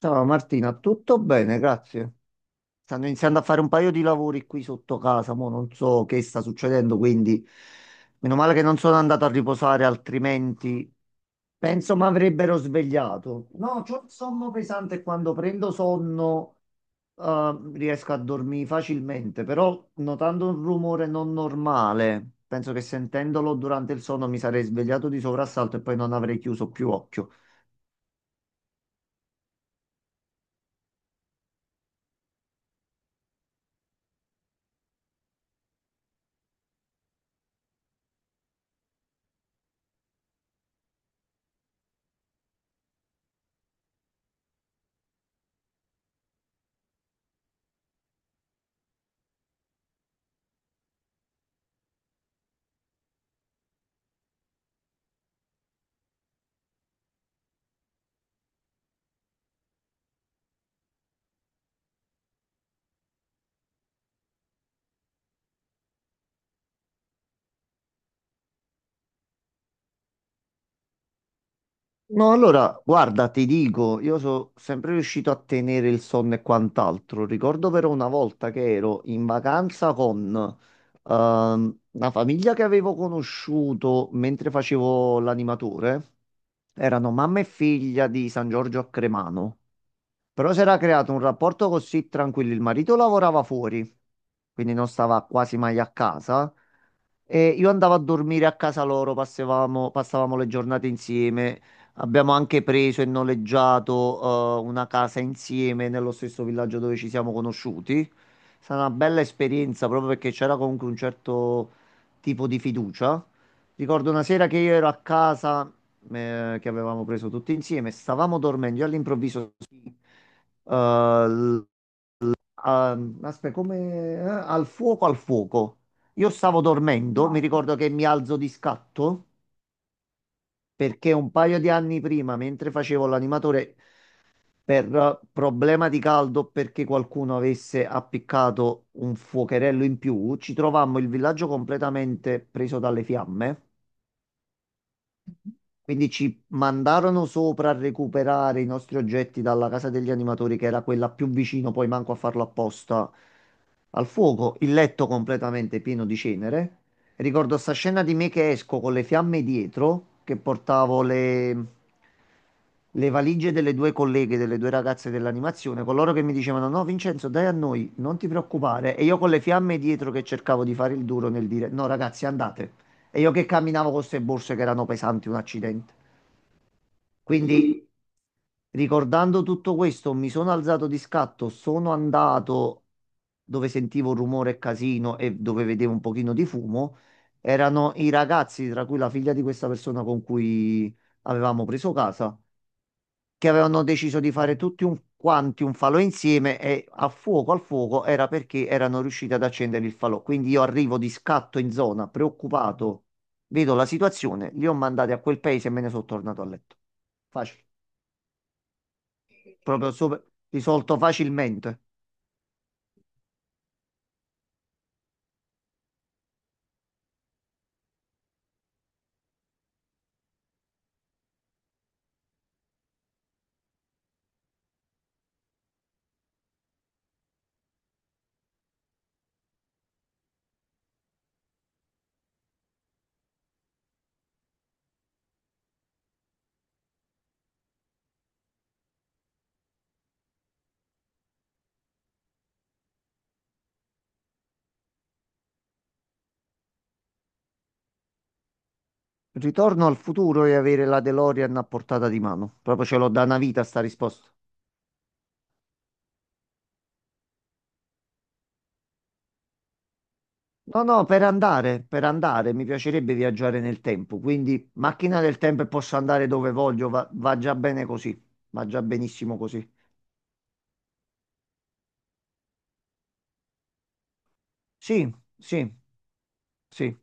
Ciao Martina, tutto bene, grazie. Stanno iniziando a fare un paio di lavori qui sotto casa, mo non so che sta succedendo, quindi meno male che non sono andato a riposare, altrimenti penso mi avrebbero svegliato. No, c'ho il sonno pesante e quando prendo sonno riesco a dormire facilmente, però notando un rumore non normale, penso che sentendolo durante il sonno mi sarei svegliato di soprassalto e poi non avrei chiuso più occhio. No, allora, guarda, ti dico, io sono sempre riuscito a tenere il sonno e quant'altro. Ricordo però una volta che ero in vacanza con una famiglia che avevo conosciuto mentre facevo l'animatore. Erano mamma e figlia di San Giorgio a Cremano. Però si era creato un rapporto così tranquillo. Il marito lavorava fuori, quindi non stava quasi mai a casa. E io andavo a dormire a casa loro, passavamo le giornate insieme. Abbiamo anche preso e noleggiato, una casa insieme nello stesso villaggio dove ci siamo conosciuti. È stata una bella esperienza proprio perché c'era comunque un certo tipo di fiducia. Ricordo una sera che io ero a casa, che avevamo preso tutti insieme, stavamo dormendo, io all'improvviso eh, aspetta, come al fuoco, al fuoco. Io stavo dormendo, mi No. Ricordo che mi alzo di scatto perché un paio di anni prima, mentre facevo l'animatore, per problema di caldo, perché qualcuno avesse appiccato un fuocherello in più, ci trovammo il villaggio completamente preso dalle fiamme. Quindi ci mandarono sopra a recuperare i nostri oggetti dalla casa degli animatori, che era quella più vicino, poi manco a farlo apposta, al fuoco, il letto completamente pieno di cenere. Ricordo sta scena di me che esco con le fiamme dietro, che portavo le valigie delle due colleghe, delle due ragazze dell'animazione, coloro che mi dicevano: No, Vincenzo, dai a noi, non ti preoccupare. E io con le fiamme dietro che cercavo di fare il duro nel dire: No, ragazzi, andate. E io che camminavo con queste borse che erano pesanti, un accidente. Quindi, ricordando tutto questo, mi sono alzato di scatto, sono andato dove sentivo rumore e casino e dove vedevo un pochino di fumo. Erano i ragazzi, tra cui la figlia di questa persona con cui avevamo preso casa che avevano deciso di fare tutti un, quanti un falò insieme e a fuoco al fuoco era perché erano riusciti ad accendere il falò. Quindi io arrivo di scatto in zona, preoccupato, vedo la situazione, li ho mandati a quel paese e me ne sono tornato a letto. Facile, proprio sopra- risolto facilmente. Ritorno al futuro e avere la DeLorean a portata di mano. Proprio ce l'ho da una vita sta risposta. No, no, per andare, mi piacerebbe viaggiare nel tempo, quindi macchina del tempo e posso andare dove voglio, va, va già bene così, va già benissimo così. Sì, sì, sì.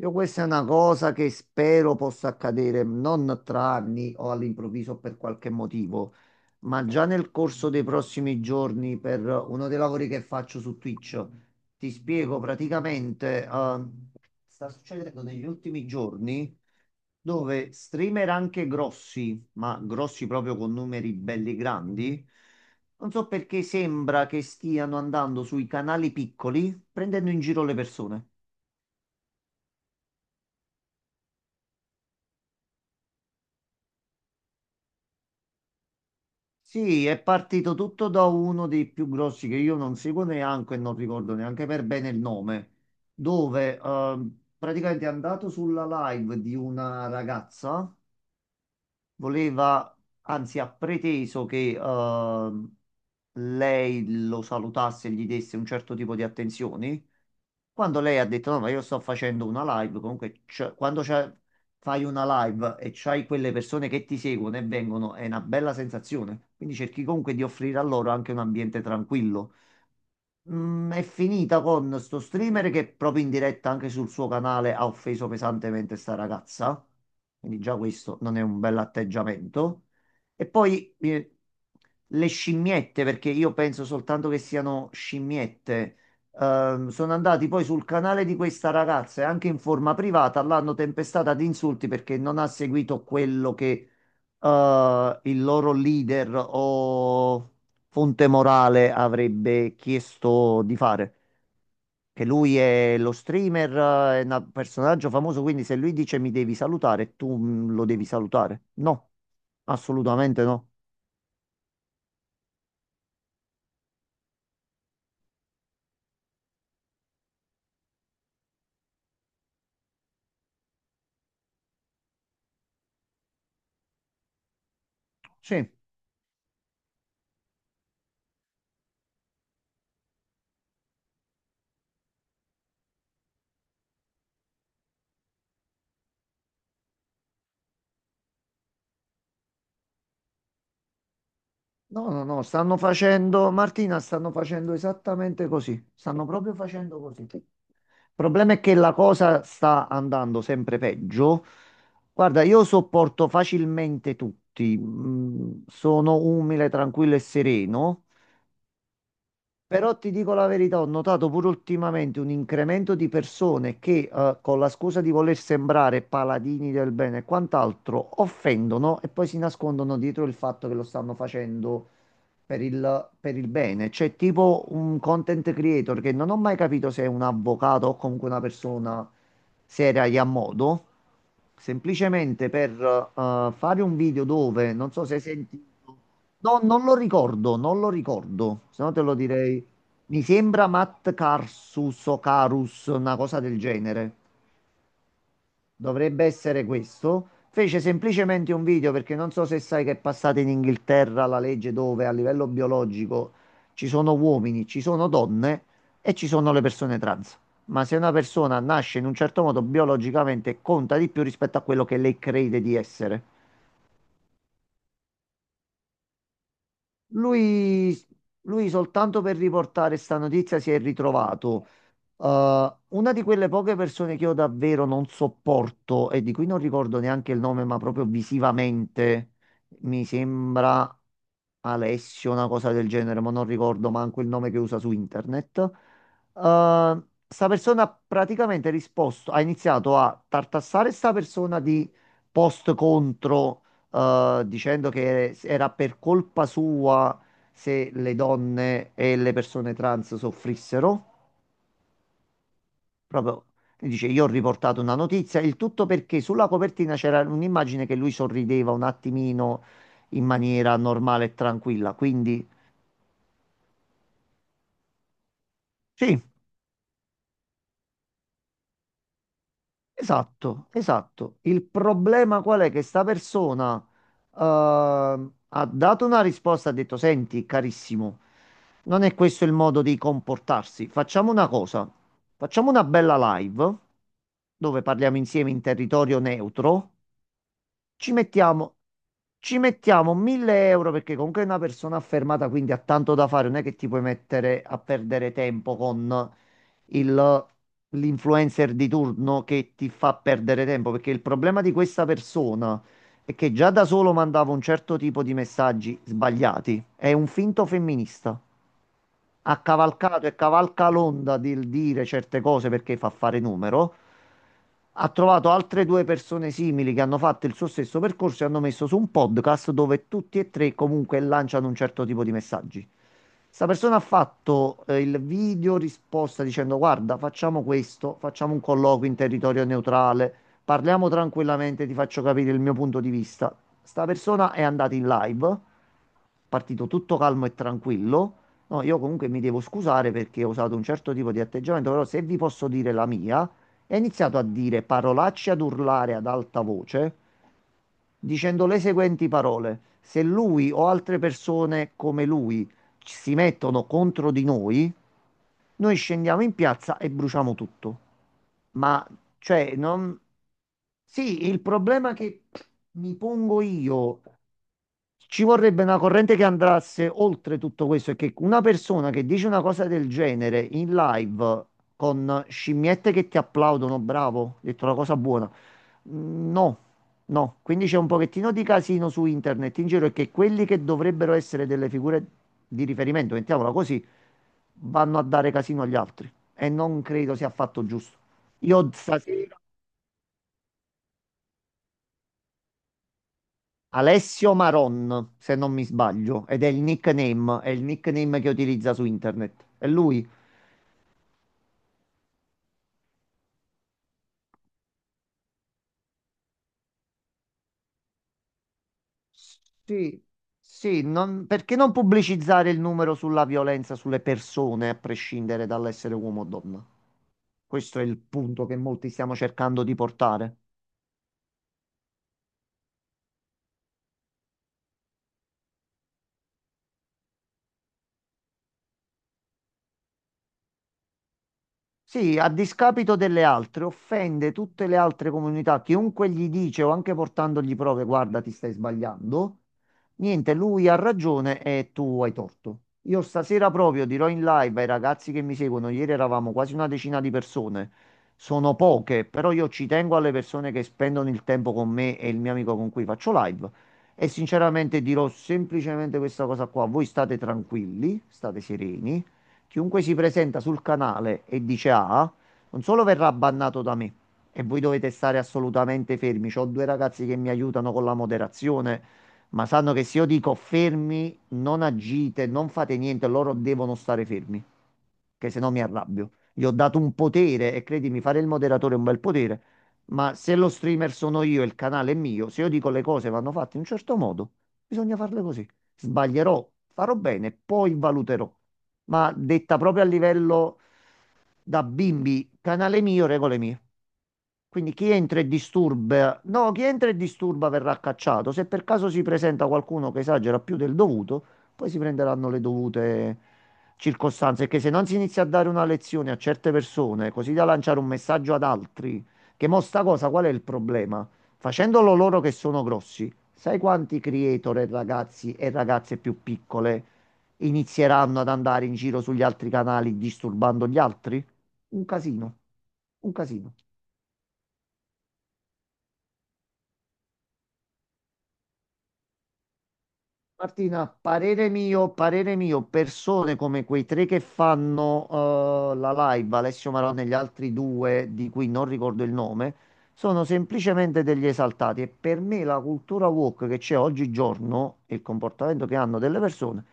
Io questa è una cosa che spero possa accadere non tra anni o all'improvviso per qualche motivo, ma già nel corso dei prossimi giorni per uno dei lavori che faccio su Twitch. Ti spiego praticamente, sta succedendo negli ultimi giorni dove streamer anche grossi, ma grossi proprio con numeri belli grandi, non so perché sembra che stiano andando sui canali piccoli prendendo in giro le persone. Sì, è partito tutto da uno dei più grossi che io non seguo neanche e non ricordo neanche per bene il nome, dove praticamente è andato sulla live di una ragazza voleva, anzi ha preteso che lei lo salutasse e gli desse un certo tipo di attenzioni. Quando lei ha detto no, ma io sto facendo una live, comunque quando fai una live e c'hai quelle persone che ti seguono e vengono, è una bella sensazione. Quindi cerchi comunque di offrire a loro anche un ambiente tranquillo. Mm, è finita con sto streamer che proprio in diretta anche sul suo canale ha offeso pesantemente sta ragazza. Quindi già questo non è un bell'atteggiamento. E poi le scimmiette, perché io penso soltanto che siano scimmiette, sono andati poi sul canale di questa ragazza e anche in forma privata l'hanno tempestata di insulti perché non ha seguito quello che il loro leader o Fonte Morale avrebbe chiesto di fare. Che lui è lo streamer, è un personaggio famoso, quindi se lui dice mi devi salutare, tu lo devi salutare. No, assolutamente no. Sì, no, no, no, stanno facendo, Martina, stanno facendo esattamente così. Stanno proprio facendo così. Il problema è che la cosa sta andando sempre peggio. Guarda, io sopporto facilmente tutti, sono umile, tranquillo e sereno. Però ti dico la verità, ho notato pure ultimamente un incremento di persone che, con la scusa di voler sembrare paladini del bene e quant'altro, offendono e poi si nascondono dietro il fatto che lo stanno facendo per il bene. C'è tipo un content creator che non ho mai capito se è un avvocato o comunque una persona seria e a modo, semplicemente per fare un video dove, non so se hai sentito, no, non lo ricordo, non lo ricordo, se no te lo direi. Mi sembra Matt Carsus o Carus, una cosa del genere dovrebbe essere questo. Fece semplicemente un video perché non so se sai che è passata in Inghilterra la legge dove a livello biologico ci sono uomini, ci sono donne e ci sono le persone trans. Ma se una persona nasce in un certo modo biologicamente conta di più rispetto a quello che lei crede di essere. Lui, lui soltanto per riportare sta notizia si è ritrovato. Una di quelle poche persone che io davvero non sopporto e di cui non ricordo neanche il nome, ma proprio visivamente mi sembra Alessio, una cosa del genere, ma non ricordo manco il nome che usa su internet. Sta persona ha praticamente risposto, ha iniziato a tartassare sta persona di post contro dicendo che era per colpa sua se le donne e le persone trans soffrissero. Proprio lui dice: Io ho riportato una notizia. Il tutto perché sulla copertina c'era un'immagine che lui sorrideva un attimino in maniera normale e tranquilla. Quindi, sì, esatto, esatto. Il problema qual è? Che sta persona eh, ha dato una risposta, ha detto, senti, carissimo, non è questo il modo di comportarsi. Facciamo una cosa, facciamo una bella live dove parliamo insieme in territorio neutro. Ci mettiamo, ci mettiamo 1000 euro perché comunque è una persona affermata, quindi ha tanto da fare, non è che ti puoi mettere a perdere tempo con il- l'influencer di turno che ti fa perdere tempo, perché il problema di questa persona è che già da solo mandava un certo tipo di messaggi sbagliati, è un finto femminista, ha cavalcato e cavalca l'onda del dire certe cose perché fa fare numero. Ha trovato altre due persone simili che hanno fatto il suo stesso percorso e hanno messo su un podcast dove tutti e tre comunque lanciano un certo tipo di messaggi. Sta persona ha fatto il video risposta dicendo: Guarda, facciamo questo, facciamo un colloquio in territorio neutrale, parliamo tranquillamente, ti faccio capire il mio punto di vista. Sta persona è andata in live, partito tutto calmo e tranquillo. No, io comunque mi devo scusare perché ho usato un certo tipo di atteggiamento, però se vi posso dire la mia, è iniziato a dire parolacce, ad urlare ad alta voce, dicendo le seguenti parole. Se lui o altre persone come lui si mettono contro di noi, noi scendiamo in piazza e bruciamo tutto. Ma, cioè, non... Sì, il problema che mi pongo io, ci vorrebbe una corrente che andasse oltre tutto questo e che una persona che dice una cosa del genere in live con scimmiette che ti applaudono, bravo, hai detto una cosa buona. No, no. Quindi c'è un pochettino di casino su internet in giro e che quelli che dovrebbero essere delle figure di riferimento, mettiamola così, vanno a dare casino agli altri. E non credo sia affatto giusto. Io stasera Alessio Maron, se non mi sbaglio, ed è il nickname che utilizza su internet. E lui, sì, sì, perché non pubblicizzare il numero sulla violenza sulle persone, a prescindere dall'essere uomo o donna? Questo è il punto che molti stiamo cercando di portare. Sì, a discapito delle altre, offende tutte le altre comunità. Chiunque gli dice o anche portandogli prove, guarda, ti stai sbagliando. Niente, lui ha ragione e tu hai torto. Io stasera proprio dirò in live ai ragazzi che mi seguono, ieri eravamo quasi una decina di persone. Sono poche, però io ci tengo alle persone che spendono il tempo con me e il mio amico con cui faccio live. E sinceramente dirò semplicemente questa cosa qua. Voi state tranquilli, state sereni. Chiunque si presenta sul canale e dice A, non solo verrà bannato da me, e voi dovete stare assolutamente fermi. C'ho due ragazzi che mi aiutano con la moderazione, ma sanno che se io dico fermi, non agite, non fate niente, loro devono stare fermi, che se no mi arrabbio. Gli ho dato un potere e credimi, fare il moderatore è un bel potere, ma se lo streamer sono io e il canale è mio, se io dico le cose vanno fatte in un certo modo, bisogna farle così. Sbaglierò, farò bene, poi valuterò, ma detta proprio a livello da bimbi, canale mio, regole mie. Quindi chi entra e disturba, no, chi entra e disturba verrà cacciato. Se per caso si presenta qualcuno che esagera più del dovuto, poi si prenderanno le dovute circostanze. Perché se non si inizia a dare una lezione a certe persone, così da lanciare un messaggio ad altri, che mo sta cosa, qual è il problema? Facendolo loro che sono grossi, sai quanti creator e ragazzi e ragazze più piccole inizieranno ad andare in giro sugli altri canali disturbando gli altri? Un casino, un casino. Martina, parere mio, persone come quei tre che fanno la live, Alessio Marone e gli altri due di cui non ricordo il nome, sono semplicemente degli esaltati e per me la cultura woke che c'è oggigiorno e il comportamento che hanno delle persone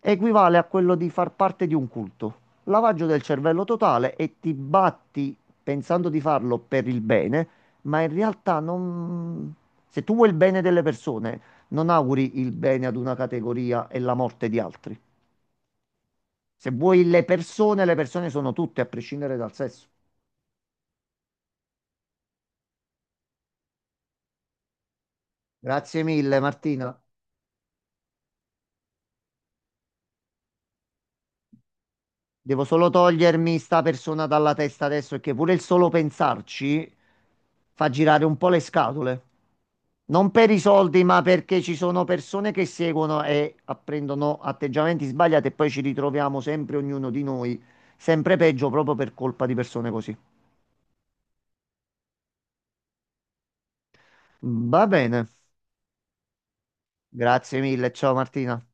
equivale a quello di far parte di un culto. Lavaggio del cervello totale e ti batti pensando di farlo per il bene, ma in realtà non... Se tu vuoi il bene delle persone, non auguri il bene ad una categoria e la morte di altri. Se vuoi le persone sono tutte, a prescindere dal sesso. Grazie mille, Martina. Devo solo togliermi sta persona dalla testa adesso, che pure il solo pensarci fa girare un po' le scatole. Non per i soldi, ma perché ci sono persone che seguono e apprendono atteggiamenti sbagliati e poi ci ritroviamo sempre ognuno di noi, sempre peggio proprio per colpa di persone così. Va bene, grazie mille, ciao Martina.